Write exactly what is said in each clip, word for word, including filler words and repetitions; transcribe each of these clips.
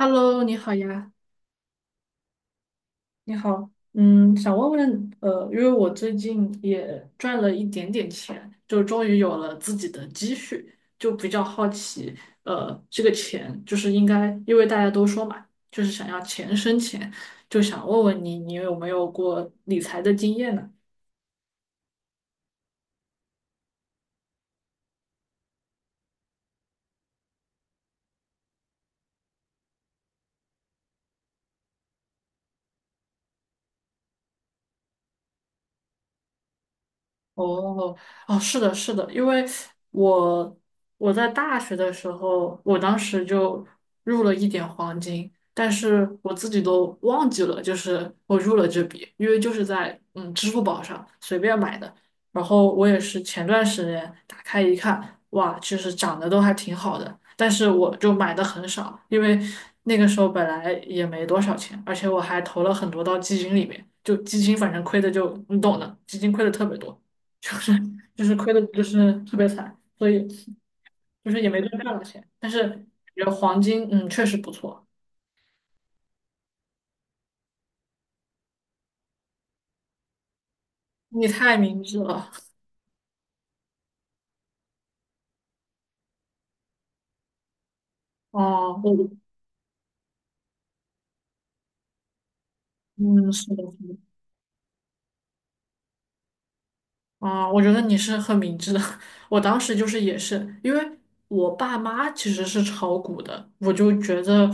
Hello，你好呀，你好，嗯，想问问，呃，因为我最近也赚了一点点钱，就终于有了自己的积蓄，就比较好奇，呃，这个钱就是应该，因为大家都说嘛，就是想要钱生钱，就想问问你，你有没有过理财的经验呢？哦哦，是的，是的，因为我我在大学的时候，我当时就入了一点黄金，但是我自己都忘记了，就是我入了这笔，因为就是在嗯支付宝上随便买的，然后我也是前段时间打开一看，哇，其实涨得都还挺好的，但是我就买的很少，因为那个时候本来也没多少钱，而且我还投了很多到基金里面，就基金反正亏的就你懂的，基金亏的特别多。就是就是亏的，就是特别惨，所以就是也没多赚到钱。但是感觉黄金，嗯，确实不错。你太明智了，哦，我，嗯，是的，是的啊，我觉得你是很明智的。我当时就是也是，因为我爸妈其实是炒股的，我就觉得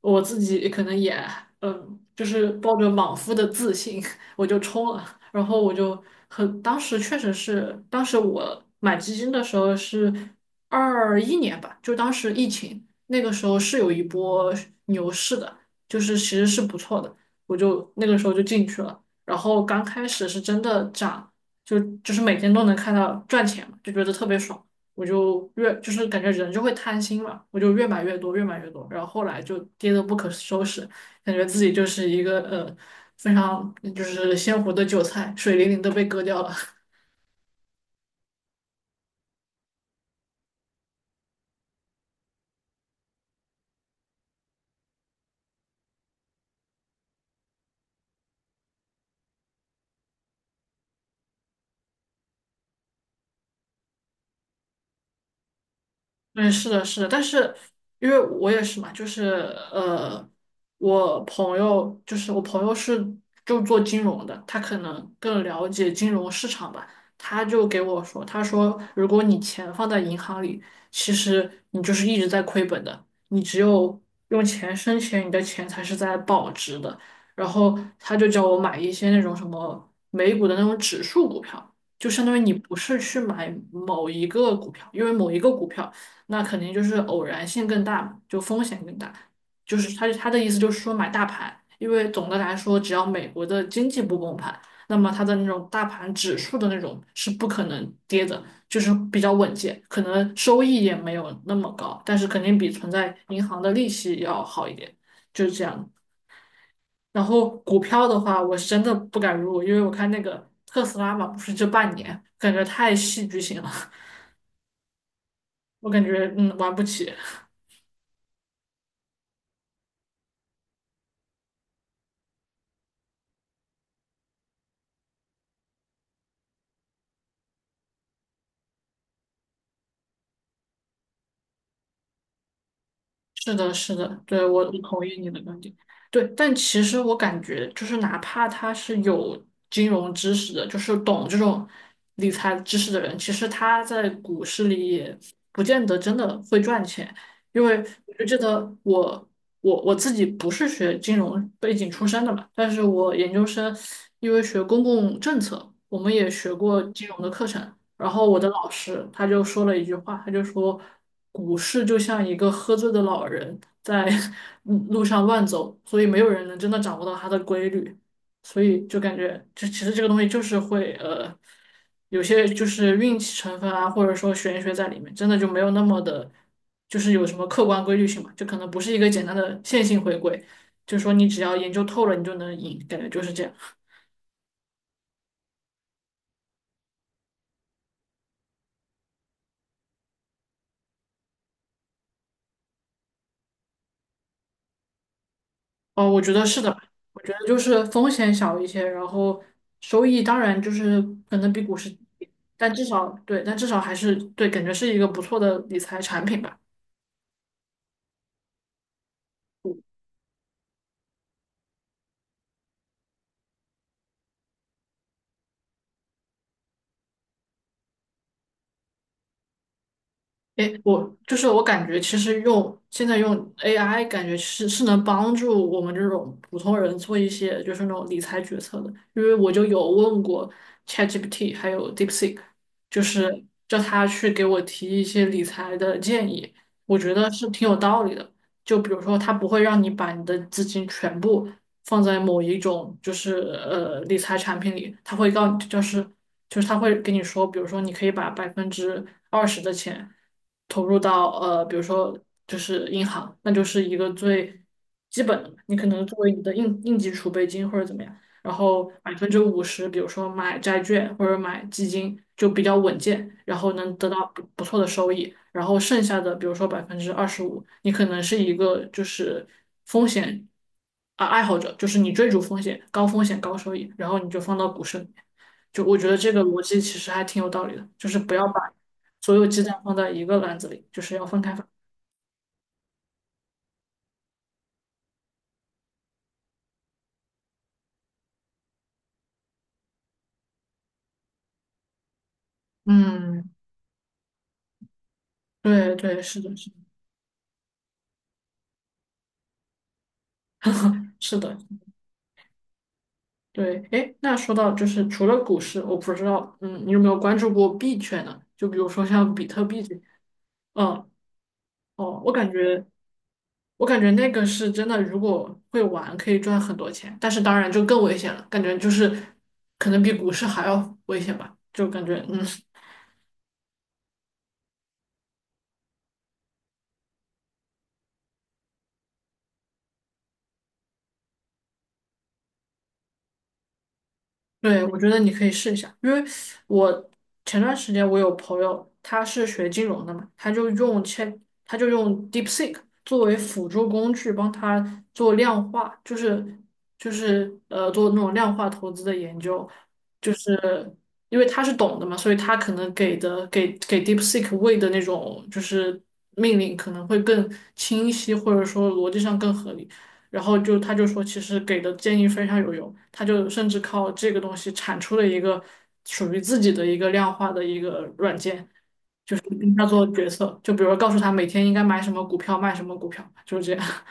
我自己可能也，嗯，就是抱着莽夫的自信，我就冲了。然后我就很，当时确实是，当时我买基金的时候是二一年吧，就当时疫情那个时候是有一波牛市的，就是其实是不错的，我就那个时候就进去了。然后刚开始是真的涨。就就是每天都能看到赚钱嘛，就觉得特别爽。我就越就是感觉人就会贪心嘛，我就越买越多，越买越多，然后后来就跌得不可收拾，感觉自己就是一个呃非常就是鲜活的韭菜，水灵灵的被割掉了。嗯，是的，是的，但是因为我也是嘛，就是呃，我朋友就是我朋友是就做金融的，他可能更了解金融市场吧，他就给我说，他说如果你钱放在银行里，其实你就是一直在亏本的，你只有用钱生钱，你的钱才是在保值的。然后他就叫我买一些那种什么美股的那种指数股票，就相当于你不是去买某一个股票，因为某一个股票。那肯定就是偶然性更大嘛，就风险更大。就是他他的意思就是说买大盘，因为总的来说，只要美国的经济不崩盘，那么它的那种大盘指数的那种是不可能跌的，就是比较稳健，可能收益也没有那么高，但是肯定比存在银行的利息要好一点，就是这样。然后股票的话，我是真的不敢入，因为我看那个特斯拉嘛，不是这半年感觉太戏剧性了，我感觉嗯玩不起。是的，是的，对，我我同意你的观点。对，但其实我感觉，就是哪怕他是有金融知识的，就是懂这种理财知识的人，其实他在股市里也不见得真的会赚钱，因为我就记得我我我自己不是学金融背景出身的嘛，但是我研究生因为学公共政策，我们也学过金融的课程，然后我的老师他就说了一句话，他就说，股市就像一个喝醉的老人在 嗯路上乱走，所以没有人能真的掌握到它的规律，所以就感觉这其实这个东西就是会呃，有些就是运气成分啊，或者说玄学在里面，真的就没有那么的，就是有什么客观规律性嘛，就可能不是一个简单的线性回归，就说你只要研究透了，你就能赢，感觉就是这样。哦，我觉得是的。我觉得就是风险小一些，然后收益当然就是可能比股市低，但至少对，但至少还是对，感觉是一个不错的理财产品吧。诶，我就是我感觉，其实用现在用 A I,感觉是是能帮助我们这种普通人做一些就是那种理财决策的。因为我就有问过 ChatGPT 还有 DeepSeek,就是叫他去给我提一些理财的建议，我觉得是挺有道理的。就比如说，他不会让你把你的资金全部放在某一种就是呃理财产品里，他会告就是就是他会跟你说，比如说你可以把百分之二十的钱投入到呃比如说就是银行，那就是一个最基本的嘛，你可能作为你的应应急储备金或者怎么样。然后百分之五十，比如说买债券或者买基金，就比较稳健，然后能得到不不错的收益。然后剩下的，比如说百分之二十五，你可能是一个就是风险啊爱好者，就是你追逐风险，高风险高收益，然后你就放到股市里面。就我觉得这个逻辑其实还挺有道理的，就是不要把所有鸡蛋放在一个篮子里，就是要分开放。嗯，对对，是的，是的，是的。对，哎，那说到就是除了股市，我不知道，嗯，你有没有关注过币圈呢？就比如说像比特币这，嗯，哦，我感觉，我感觉那个是真的，如果会玩可以赚很多钱，但是当然就更危险了，感觉就是可能比股市还要危险吧，就感觉，嗯，对，我觉得你可以试一下，因为我前段时间我有朋友，他是学金融的嘛，他就用千，他就用 DeepSeek 作为辅助工具，帮他做量化，就是就是呃做那种量化投资的研究，就是因为他是懂的嘛，所以他可能给的给给 DeepSeek 喂的那种就是命令可能会更清晰，或者说逻辑上更合理。然后就他就说，其实给的建议非常有用，他就甚至靠这个东西产出了一个属于自己的一个量化的一个软件，跟他做决策。就比如告诉他每天应该买什么股票，卖什么股票，就是这样。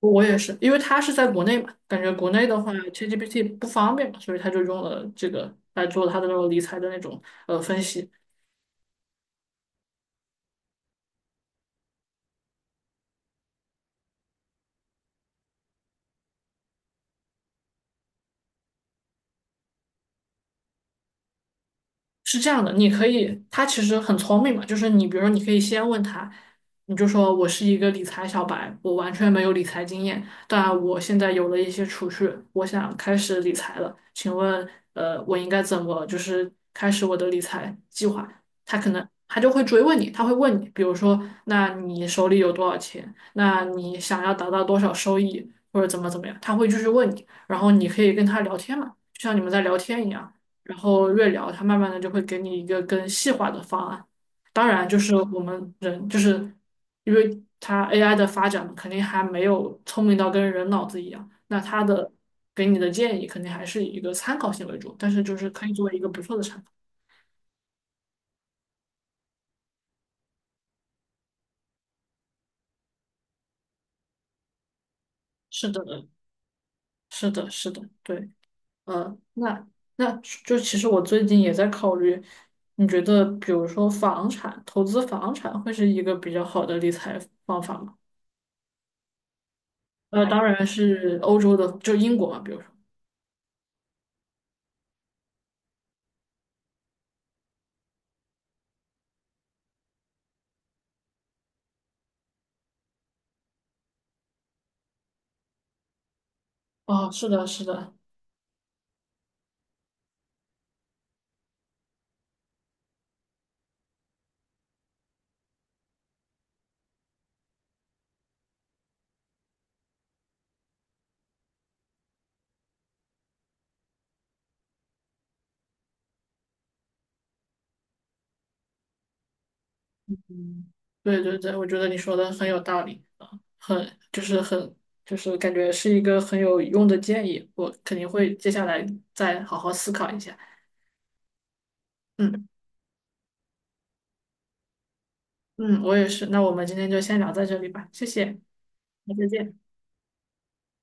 我也是，因为他是在国内嘛，感觉国内的话，ChatGPT 不方便嘛，所以他就用了这个来做他的那种理财的那种呃分析。是这样的，你可以，他其实很聪明嘛，就是你，比如说，你可以先问他，你就说我是一个理财小白，我完全没有理财经验，但我现在有了一些储蓄，我想开始理财了，请问，呃，我应该怎么就是开始我的理财计划？他可能他就会追问你，他会问你，比如说，那你手里有多少钱？那你想要达到多少收益，或者怎么怎么样？他会继续问你，然后你可以跟他聊天嘛，就像你们在聊天一样。然后越聊，它慢慢的就会给你一个更细化的方案。当然，就是我们人，就是因为它 A I 的发展嘛肯定还没有聪明到跟人脑子一样，那它的给你的建议肯定还是以一个参考性为主，但是就是可以作为一个不错的参考。是的，是的，是的，对，呃，那那就其实我最近也在考虑，你觉得比如说房产，投资房产会是一个比较好的理财方法吗？呃，当然是欧洲的，就英国嘛，比如说。哦，是的，是的，嗯，对对对，我觉得你说的很有道理啊，很就是很就是感觉是一个很有用的建议，我肯定会接下来再好好思考一下。嗯嗯，我也是。那我们今天就先聊在这里吧，谢谢，那再见。